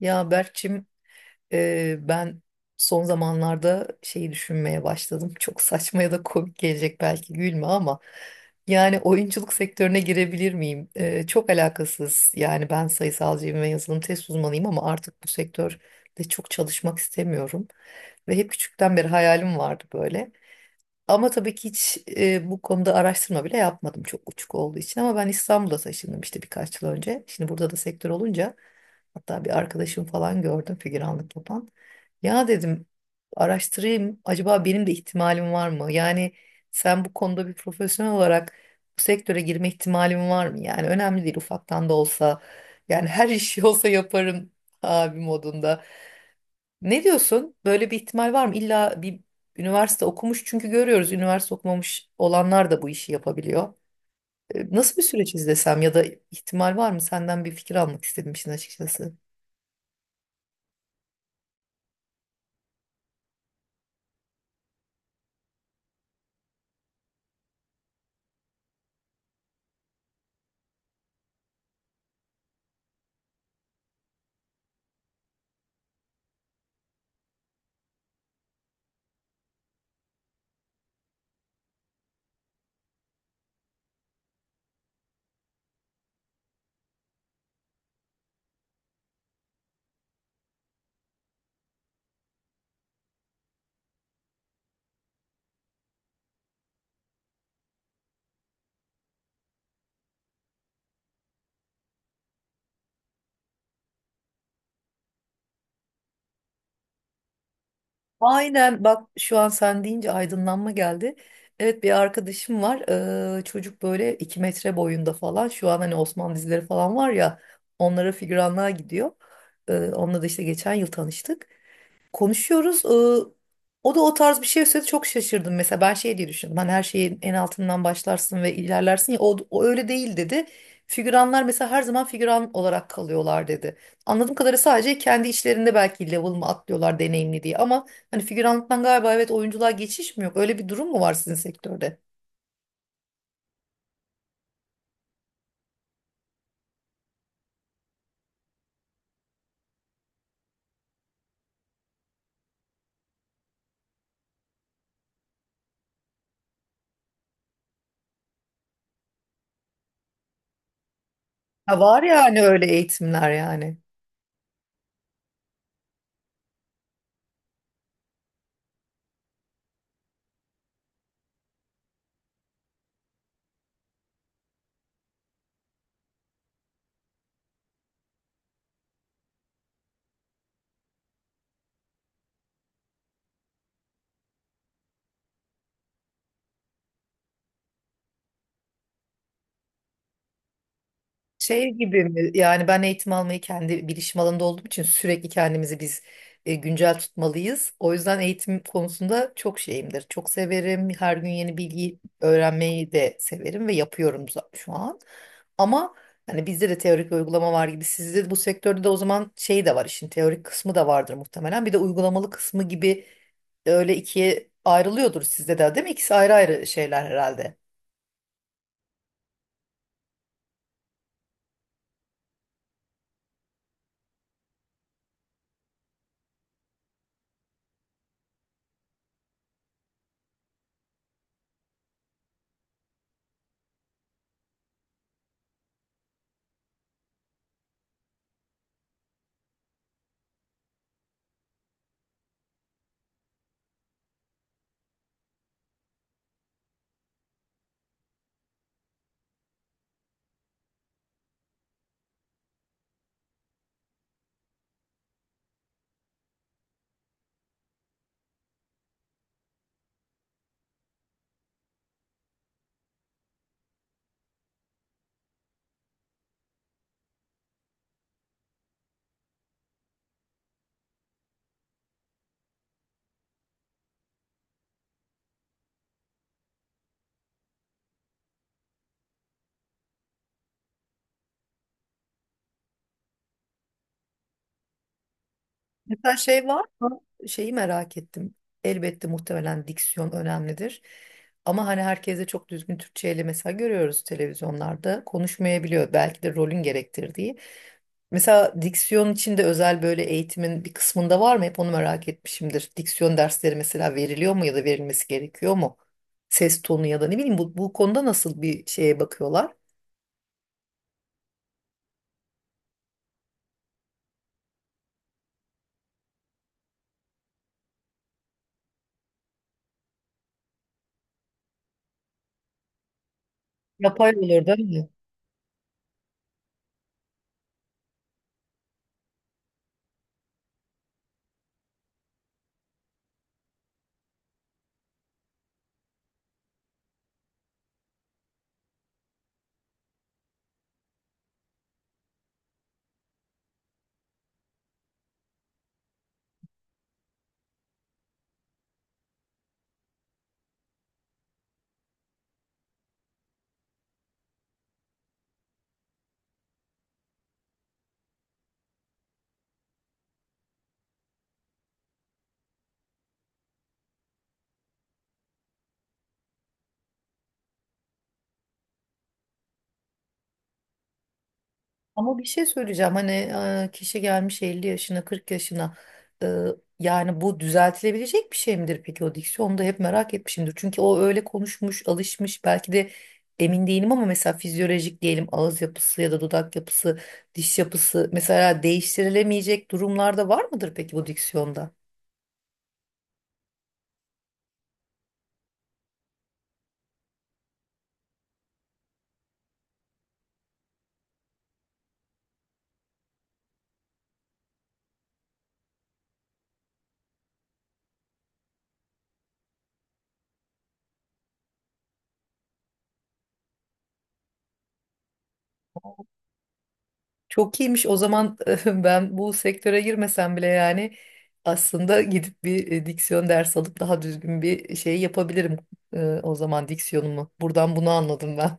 Ya Berkçim, ben son zamanlarda şeyi düşünmeye başladım. Çok saçma ya da komik gelecek belki gülme ama yani oyunculuk sektörüne girebilir miyim? Çok alakasız. Yani ben sayısalcıyım ve yazılım test uzmanıyım ama artık bu sektörde çok çalışmak istemiyorum. Ve hep küçükten beri hayalim vardı böyle. Ama tabii ki hiç bu konuda araştırma bile yapmadım çok uçuk olduğu için. Ama ben İstanbul'a taşındım işte birkaç yıl önce. Şimdi burada da sektör olunca hatta bir arkadaşım falan gördüm figüranlık yapan. Ya dedim araştırayım acaba benim de ihtimalim var mı? Yani sen bu konuda bir profesyonel olarak bu sektöre girme ihtimalim var mı? Yani önemli değil ufaktan da olsa, yani her işi olsa yaparım abi modunda. Ne diyorsun? Böyle bir ihtimal var mı? İlla bir üniversite okumuş, çünkü görüyoruz üniversite okumamış olanlar da bu işi yapabiliyor. Nasıl bir süreç izlesem ya da ihtimal var mı? Senden bir fikir almak istedim işin açıkçası. Aynen, bak şu an sen deyince aydınlanma geldi. Evet, bir arkadaşım var. Çocuk böyle 2 metre boyunda falan. Şu an hani Osmanlı dizileri falan var ya, onlara figüranlığa gidiyor. Onunla da işte geçen yıl tanıştık, konuşuyoruz. O da o tarz bir şey söyledi, çok şaşırdım. Mesela ben şey diye düşündüm. Hani her şeyin en altından başlarsın ve ilerlersin ya, o öyle değil dedi. Figüranlar mesela her zaman figüran olarak kalıyorlar dedi. Anladığım kadarıyla sadece kendi içlerinde belki level mı atlıyorlar deneyimli diye. Ama hani figüranlıktan galiba, evet, oyunculuğa geçiş mi yok? Öyle bir durum mu var sizin sektörde? Ha, var yani, öyle eğitimler yani. Şey gibi mi? Yani ben eğitim almayı, kendi bilişim alanında olduğum için sürekli kendimizi biz güncel tutmalıyız. O yüzden eğitim konusunda çok şeyimdir. Çok severim. Her gün yeni bilgi öğrenmeyi de severim ve yapıyorum şu an. Ama hani bizde de teorik ve uygulama var gibi. Sizde de, bu sektörde de o zaman şey de var, işin teorik kısmı da vardır muhtemelen. Bir de uygulamalı kısmı gibi, öyle ikiye ayrılıyordur sizde de değil mi? İkisi ayrı ayrı şeyler herhalde. Mesela şey var mı? Şeyi merak ettim. Elbette muhtemelen diksiyon önemlidir. Ama hani herkes de çok düzgün Türkçeyle mesela, görüyoruz televizyonlarda. Konuşmayabiliyor belki de rolün gerektirdiği. Mesela diksiyon için de özel böyle eğitimin bir kısmında var mı? Hep onu merak etmişimdir. Diksiyon dersleri mesela veriliyor mu ya da verilmesi gerekiyor mu? Ses tonu ya da ne bileyim, bu konuda nasıl bir şeye bakıyorlar? Yapay olur değil mi? Ama bir şey söyleyeceğim, hani kişi gelmiş 50 yaşına, 40 yaşına, e, yani bu düzeltilebilecek bir şey midir peki o diksiyon? Onu da hep merak etmişimdir. Çünkü o öyle konuşmuş, alışmış belki de, emin değilim, ama mesela fizyolojik diyelim, ağız yapısı ya da dudak yapısı, diş yapısı mesela değiştirilemeyecek durumlarda var mıdır peki bu diksiyonda? Çok iyiymiş. O zaman ben bu sektöre girmesem bile yani aslında gidip bir diksiyon dersi alıp daha düzgün bir şey yapabilirim o zaman diksiyonumu. Buradan bunu anladım ben.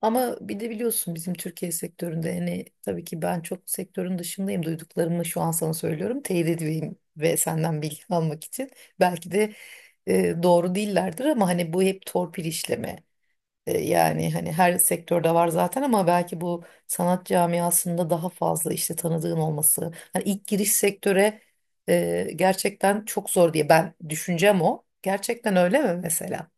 Ama bir de biliyorsun bizim Türkiye sektöründe, hani tabii ki ben çok sektörün dışındayım. Duyduklarımı şu an sana söylüyorum. Teyit edeyim ve senden bilgi almak için. Belki de doğru değillerdir ama hani bu hep torpil işleme. Yani hani her sektörde var zaten ama belki bu sanat camiasında daha fazla, işte tanıdığın olması. Hani ilk giriş sektöre gerçekten çok zor diye, ben düşüncem o. Gerçekten öyle mi mesela?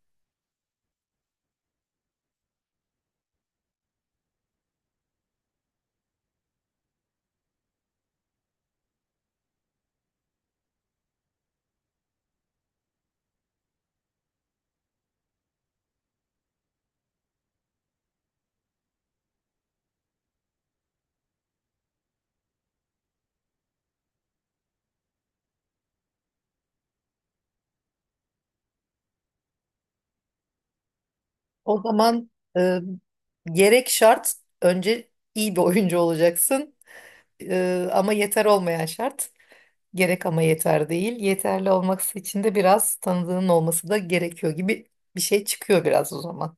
O zaman e, gerek şart, önce iyi bir oyuncu olacaksın. Ama yeter olmayan şart. Gerek ama yeter değil. Yeterli olması için de biraz tanıdığın olması da gerekiyor gibi bir şey çıkıyor biraz o zaman.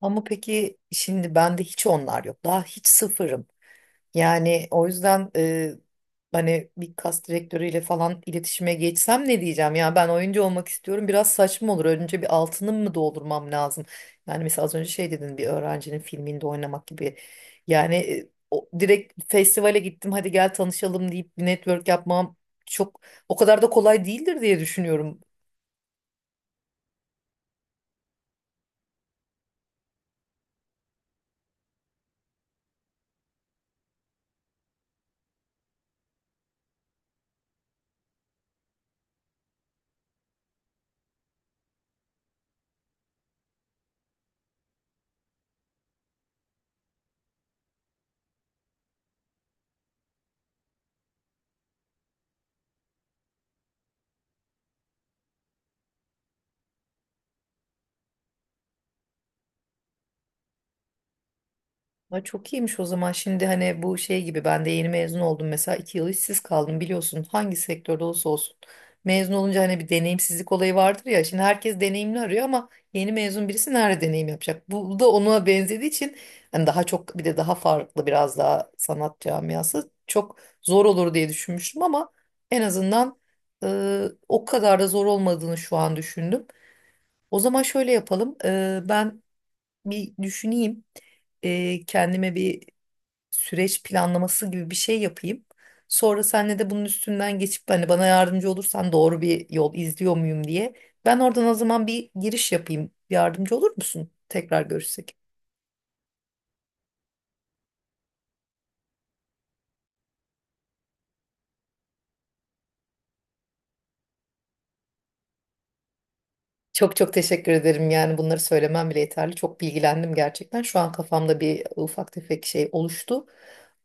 Ama peki şimdi bende hiç onlar yok. Daha hiç sıfırım. Yani o yüzden hani bir kas direktörüyle falan iletişime geçsem ne diyeceğim? Ya, ben oyuncu olmak istiyorum. Biraz saçma olur. Önce bir altını mı doldurmam lazım? Yani mesela az önce şey dedin, bir öğrencinin filminde oynamak gibi. Yani direkt festivale gittim hadi gel tanışalım deyip bir network yapmam çok, o kadar da kolay değildir diye düşünüyorum. Ay, çok iyiymiş o zaman. Şimdi hani bu şey gibi, ben de yeni mezun oldum. Mesela 2 yıl işsiz kaldım biliyorsun. Hangi sektörde olursa olsun. Mezun olunca hani bir deneyimsizlik olayı vardır ya. Şimdi herkes deneyimli arıyor ama yeni mezun birisi nerede deneyim yapacak? Bu da ona benzediği için hani daha çok, bir de daha farklı, biraz daha sanat camiası çok zor olur diye düşünmüştüm ama en azından o kadar da zor olmadığını şu an düşündüm. O zaman şöyle yapalım. Ben bir düşüneyim, kendime bir süreç planlaması gibi bir şey yapayım. Sonra senle de bunun üstünden geçip, hani bana yardımcı olursan doğru bir yol izliyor muyum diye. Ben oradan o zaman bir giriş yapayım. Yardımcı olur musun? Tekrar görüşsek. Çok çok teşekkür ederim. Yani bunları söylemem bile yeterli. Çok bilgilendim gerçekten. Şu an kafamda bir ufak tefek şey oluştu.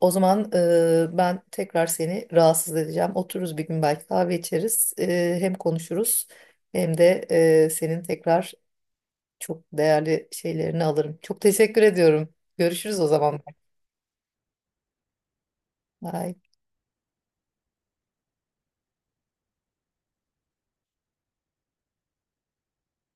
O zaman ben tekrar seni rahatsız edeceğim. Otururuz bir gün belki, kahve içeriz. Hem konuşuruz hem de senin tekrar çok değerli şeylerini alırım. Çok teşekkür ediyorum. Görüşürüz o zaman. Bye.